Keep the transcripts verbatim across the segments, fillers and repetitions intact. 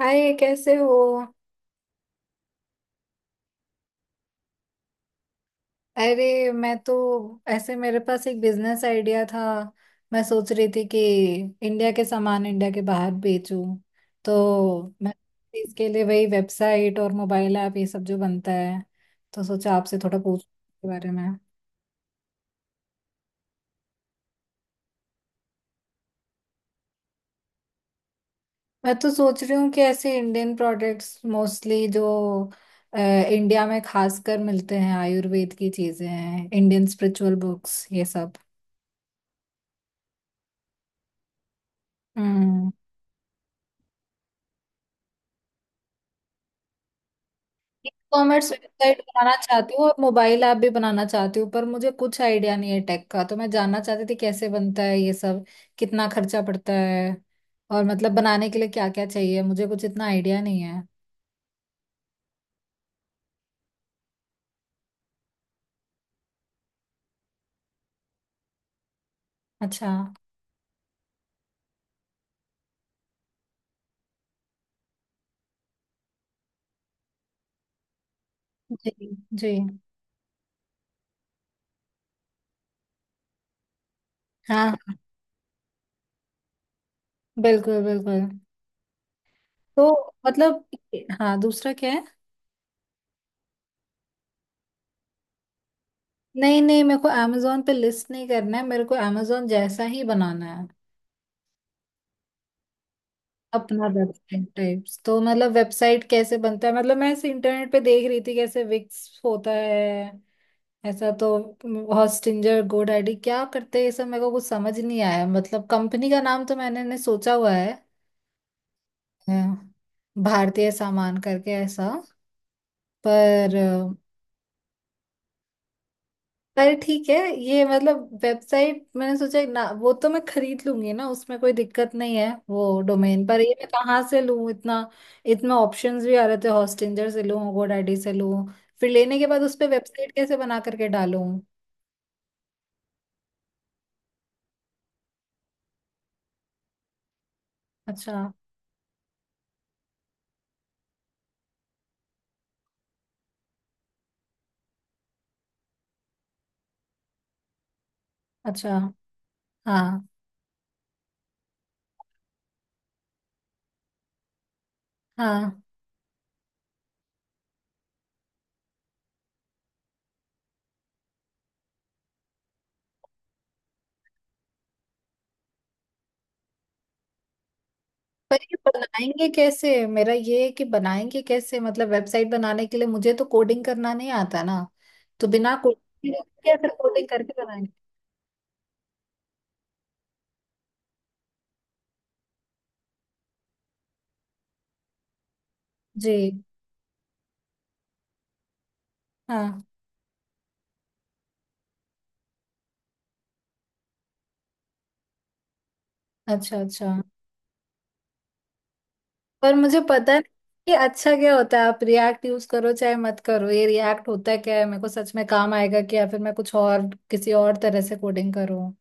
हाय, कैसे हो। अरे, मैं तो ऐसे मेरे पास एक बिजनेस आइडिया था। मैं सोच रही थी कि इंडिया के सामान इंडिया के बाहर बेचूं, तो मैं इसके लिए वही वेबसाइट और मोबाइल ऐप ये सब जो बनता है, तो सोचा आपसे थोड़ा पूछ के बारे में। मैं तो सोच रही हूँ कि ऐसे इंडियन प्रोडक्ट्स मोस्टली जो अ, इंडिया में खासकर मिलते हैं, आयुर्वेद की चीजें हैं, इंडियन स्पिरिचुअल बुक्स ये सब। हम्म। ई कॉमर्स वेबसाइट बनाना चाहती हूँ और मोबाइल ऐप भी बनाना चाहती हूँ, पर मुझे कुछ आइडिया नहीं है टेक का, तो मैं जानना चाहती थी कैसे बनता है ये सब, कितना खर्चा पड़ता है और मतलब बनाने के लिए क्या क्या चाहिए, मुझे कुछ इतना आइडिया नहीं है। अच्छा। जी। जी। हाँ हाँ, बिल्कुल बिल्कुल। तो मतलब, हाँ दूसरा क्या है? नहीं नहीं, मेरे को अमेजोन पे लिस्ट नहीं करना है, मेरे को अमेजोन जैसा ही बनाना है, अपना वेबसाइट टाइप्स। तो मतलब वेबसाइट कैसे बनता है? मतलब मैं ऐसे इंटरनेट पे देख रही थी कैसे विक्स होता है ऐसा, तो हॉस्टिंजर, गोडैडी क्या करते हैं ये सब मेरे को कुछ समझ नहीं आया। मतलब कंपनी का नाम तो मैंने ने सोचा हुआ है, अ, भारतीय सामान करके, ऐसा। पर अरे ठीक है, ये मतलब वेबसाइट मैंने सोचा ना, वो तो मैं खरीद लूंगी ना, उसमें कोई दिक्कत नहीं है वो डोमेन। पर ये मैं कहाँ से लूँ? इतना इतना ऑप्शंस भी आ रहे थे, हॉस्टिंजर से लूँ, गो डैडी से लूँ, फिर लेने के बाद उस पे वेबसाइट कैसे बना करके डालूं? अच्छा अच्छा। हाँ हाँ। पर ये बनाएंगे कैसे? मेरा ये है कि बनाएंगे कैसे? मतलब वेबसाइट बनाने के लिए मुझे तो कोडिंग करना नहीं आता ना, तो बिना कोडिंग कैसे कोडिंग करके बनाएंगे? जी। हाँ। अच्छा अच्छा। पर मुझे पता नहीं कि अच्छा क्या होता है, आप रिएक्ट यूज करो चाहे मत करो, ये रिएक्ट होता क्या है, मेरे को सच में काम आएगा कि या फिर मैं कुछ और किसी और तरह से कोडिंग करूँ?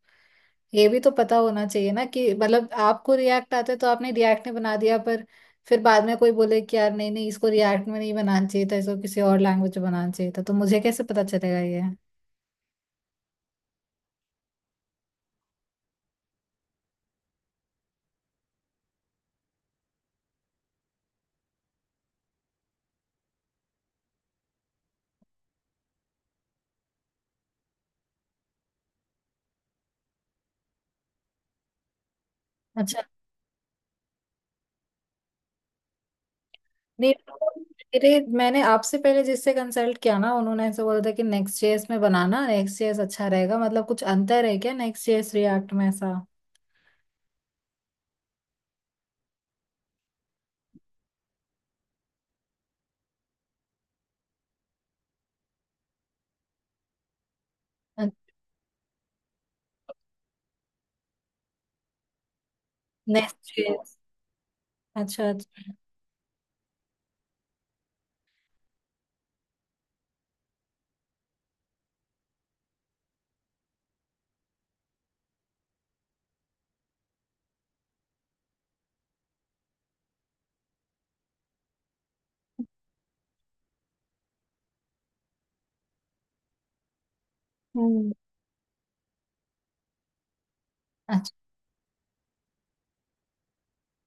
ये भी तो पता होना चाहिए ना, कि मतलब आपको रिएक्ट आता है तो आपने रिएक्ट में बना दिया, पर फिर बाद में कोई बोले कि यार, नहीं नहीं, इसको रिएक्ट में नहीं बनाना चाहिए था, इसको किसी और लैंग्वेज में बनाना चाहिए था, तो मुझे कैसे पता चलेगा ये? अच्छा। नहीं मेरे मैंने आपसे पहले जिससे कंसल्ट किया ना, उन्होंने ऐसे बोला था कि नेक्स्ट जेएस में बनाना, नेक्स्ट जेएस अच्छा रहेगा। मतलब कुछ अंतर है क्या नेक्स्ट जेएस रिएक्ट में ऐसा? Next JS. अच्छा अच्छा। हम्म।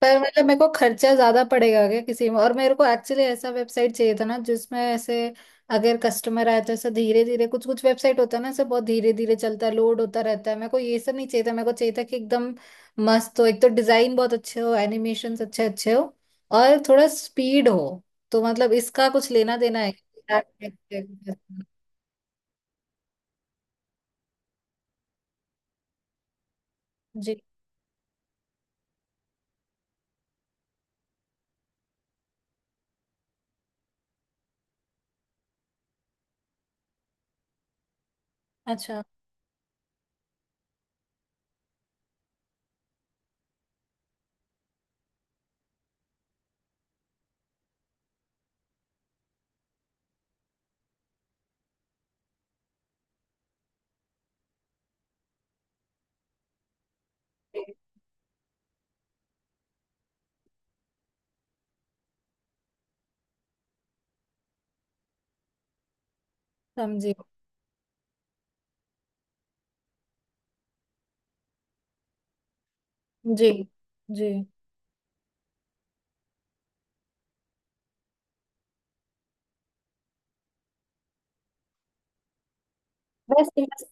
पर मतलब मेरे को खर्चा ज्यादा पड़ेगा क्या किसी में? और मेरे को एक्चुअली ऐसा वेबसाइट चाहिए था ना, जिसमें ऐसे अगर कस्टमर आए तो ऐसा धीरे धीरे, कुछ कुछ वेबसाइट होता है ना ऐसे, बहुत धीरे धीरे चलता है, लोड होता रहता है, मेरे को ये सब नहीं चाहिए था। मेरे को चाहिए था कि एकदम मस्त हो, एक तो डिजाइन बहुत अच्छे हो, एनिमेशन अच्छे अच्छे हो और थोड़ा स्पीड हो। तो मतलब इसका कुछ लेना देना है? जी। अच्छा। समझी। जी। जी। बस बस।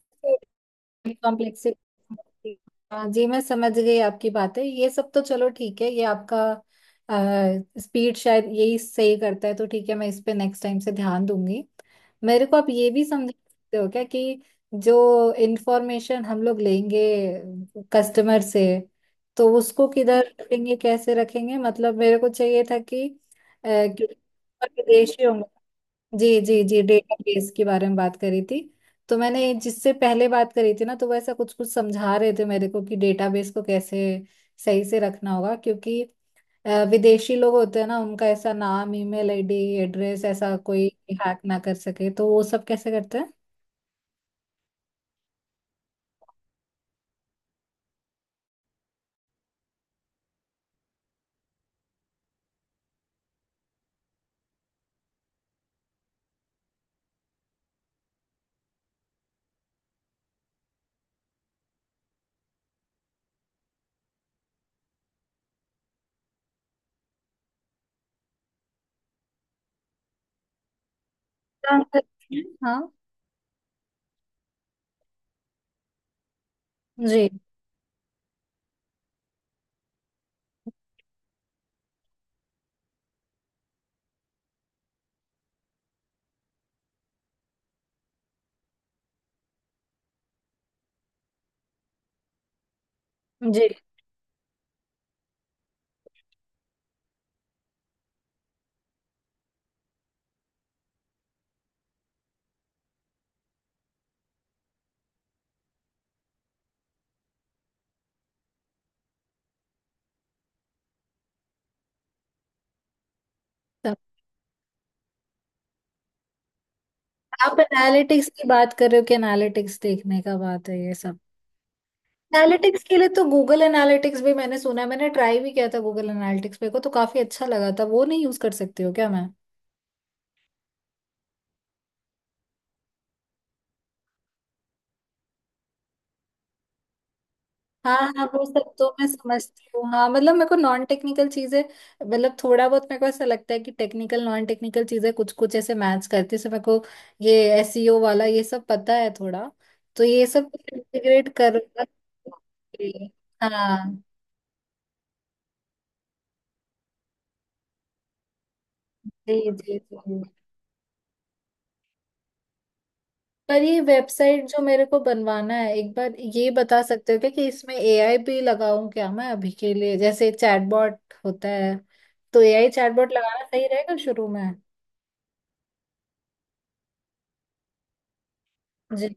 कॉम्प्लेक्सिटी। हाँ जी, मैं समझ गई आपकी बातें, ये सब तो चलो ठीक है, ये आपका स्पीड शायद यही सही करता है, तो ठीक है मैं इस पे नेक्स्ट टाइम से ध्यान दूंगी। मेरे को आप ये भी समझ सकते हो क्या कि जो इंफॉर्मेशन हम लोग लेंगे कस्टमर से, तो उसको किधर रखेंगे, कैसे रखेंगे, मतलब मेरे को चाहिए था कि अ, कि विदेशी होंगे। जी जी जी, डेटाबेस के बारे में बात करी थी। तो मैंने जिससे पहले बात करी थी ना, तो वो ऐसा कुछ कुछ समझा रहे थे मेरे को कि डेटाबेस को कैसे सही से रखना होगा, क्योंकि अ, विदेशी लोग होते हैं ना, उनका ऐसा नाम, ईमेल आईडी, एड्रेस, ऐसा कोई हैक ना कर सके, तो वो सब कैसे करते हैं, काम करते हैं, हाँ। जी। जी। तो आप एनालिटिक्स की बात कर रहे हो, कि एनालिटिक्स देखने का बात है ये? एनालिटिक्स के लिए तो गूगल एनालिटिक्स भी मैंने सुना है, मैंने ट्राई भी किया था गूगल एनालिटिक्स, मेरे को तो काफी अच्छा लगा था, वो नहीं यूज कर सकती हो क्या मैं? हाँ हाँ, वो सब तो मैं समझती हूँ। हाँ मतलब मेरे को नॉन टेक्निकल चीजें, मतलब थोड़ा बहुत मेरे को ऐसा लगता है कि टेक्निकल नॉन टेक्निकल चीजें कुछ कुछ ऐसे मैच करती है, जैसे मेरे को ये एस ई ओ वाला ये सब पता है थोड़ा, तो ये सब इंटीग्रेट कर। हाँ। जी जी जी। पर ये वेबसाइट जो मेरे को बनवाना है, एक बार ये बता सकते हो क्या कि इसमें ए आई भी लगाऊं क्या मैं अभी के लिए, जैसे चैटबॉट होता है, तो एआई चैटबॉट लगाना सही रहेगा शुरू में? जी।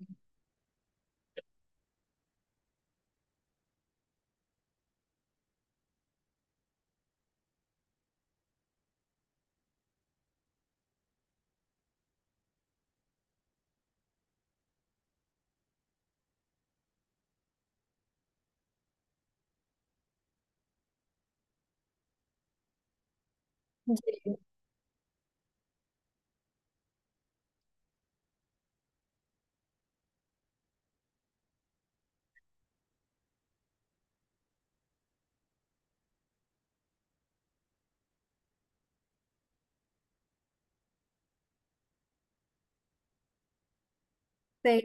जी। सही।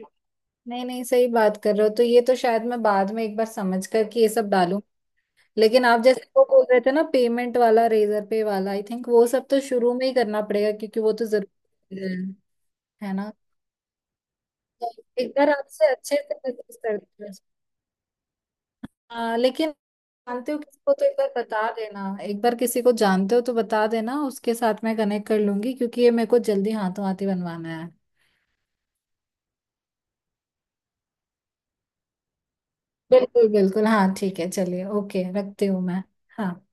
नहीं नहीं, सही बात कर रहे हो, तो ये तो शायद मैं बाद में एक बार समझ कर कि ये सब डालूं। लेकिन आप जैसे वो बोल रहे थे ना पेमेंट वाला, रेजर पे वाला, आई थिंक वो सब तो शुरू में ही करना पड़ेगा, क्योंकि वो तो जरूरी है है ना? तो एक बार आपसे अच्छे से डिस्कस करते हैं। हाँ लेकिन जानते हो किसको, तो एक बार बता देना, एक बार किसी को जानते हो तो बता देना, उसके साथ मैं कनेक्ट कर लूंगी, क्योंकि ये मेरे को जल्दी हाथों हाथ ही बनवाना है। बिल्कुल बिल्कुल। हाँ ठीक है, चलिए, ओके, रखती हूँ मैं। हाँ।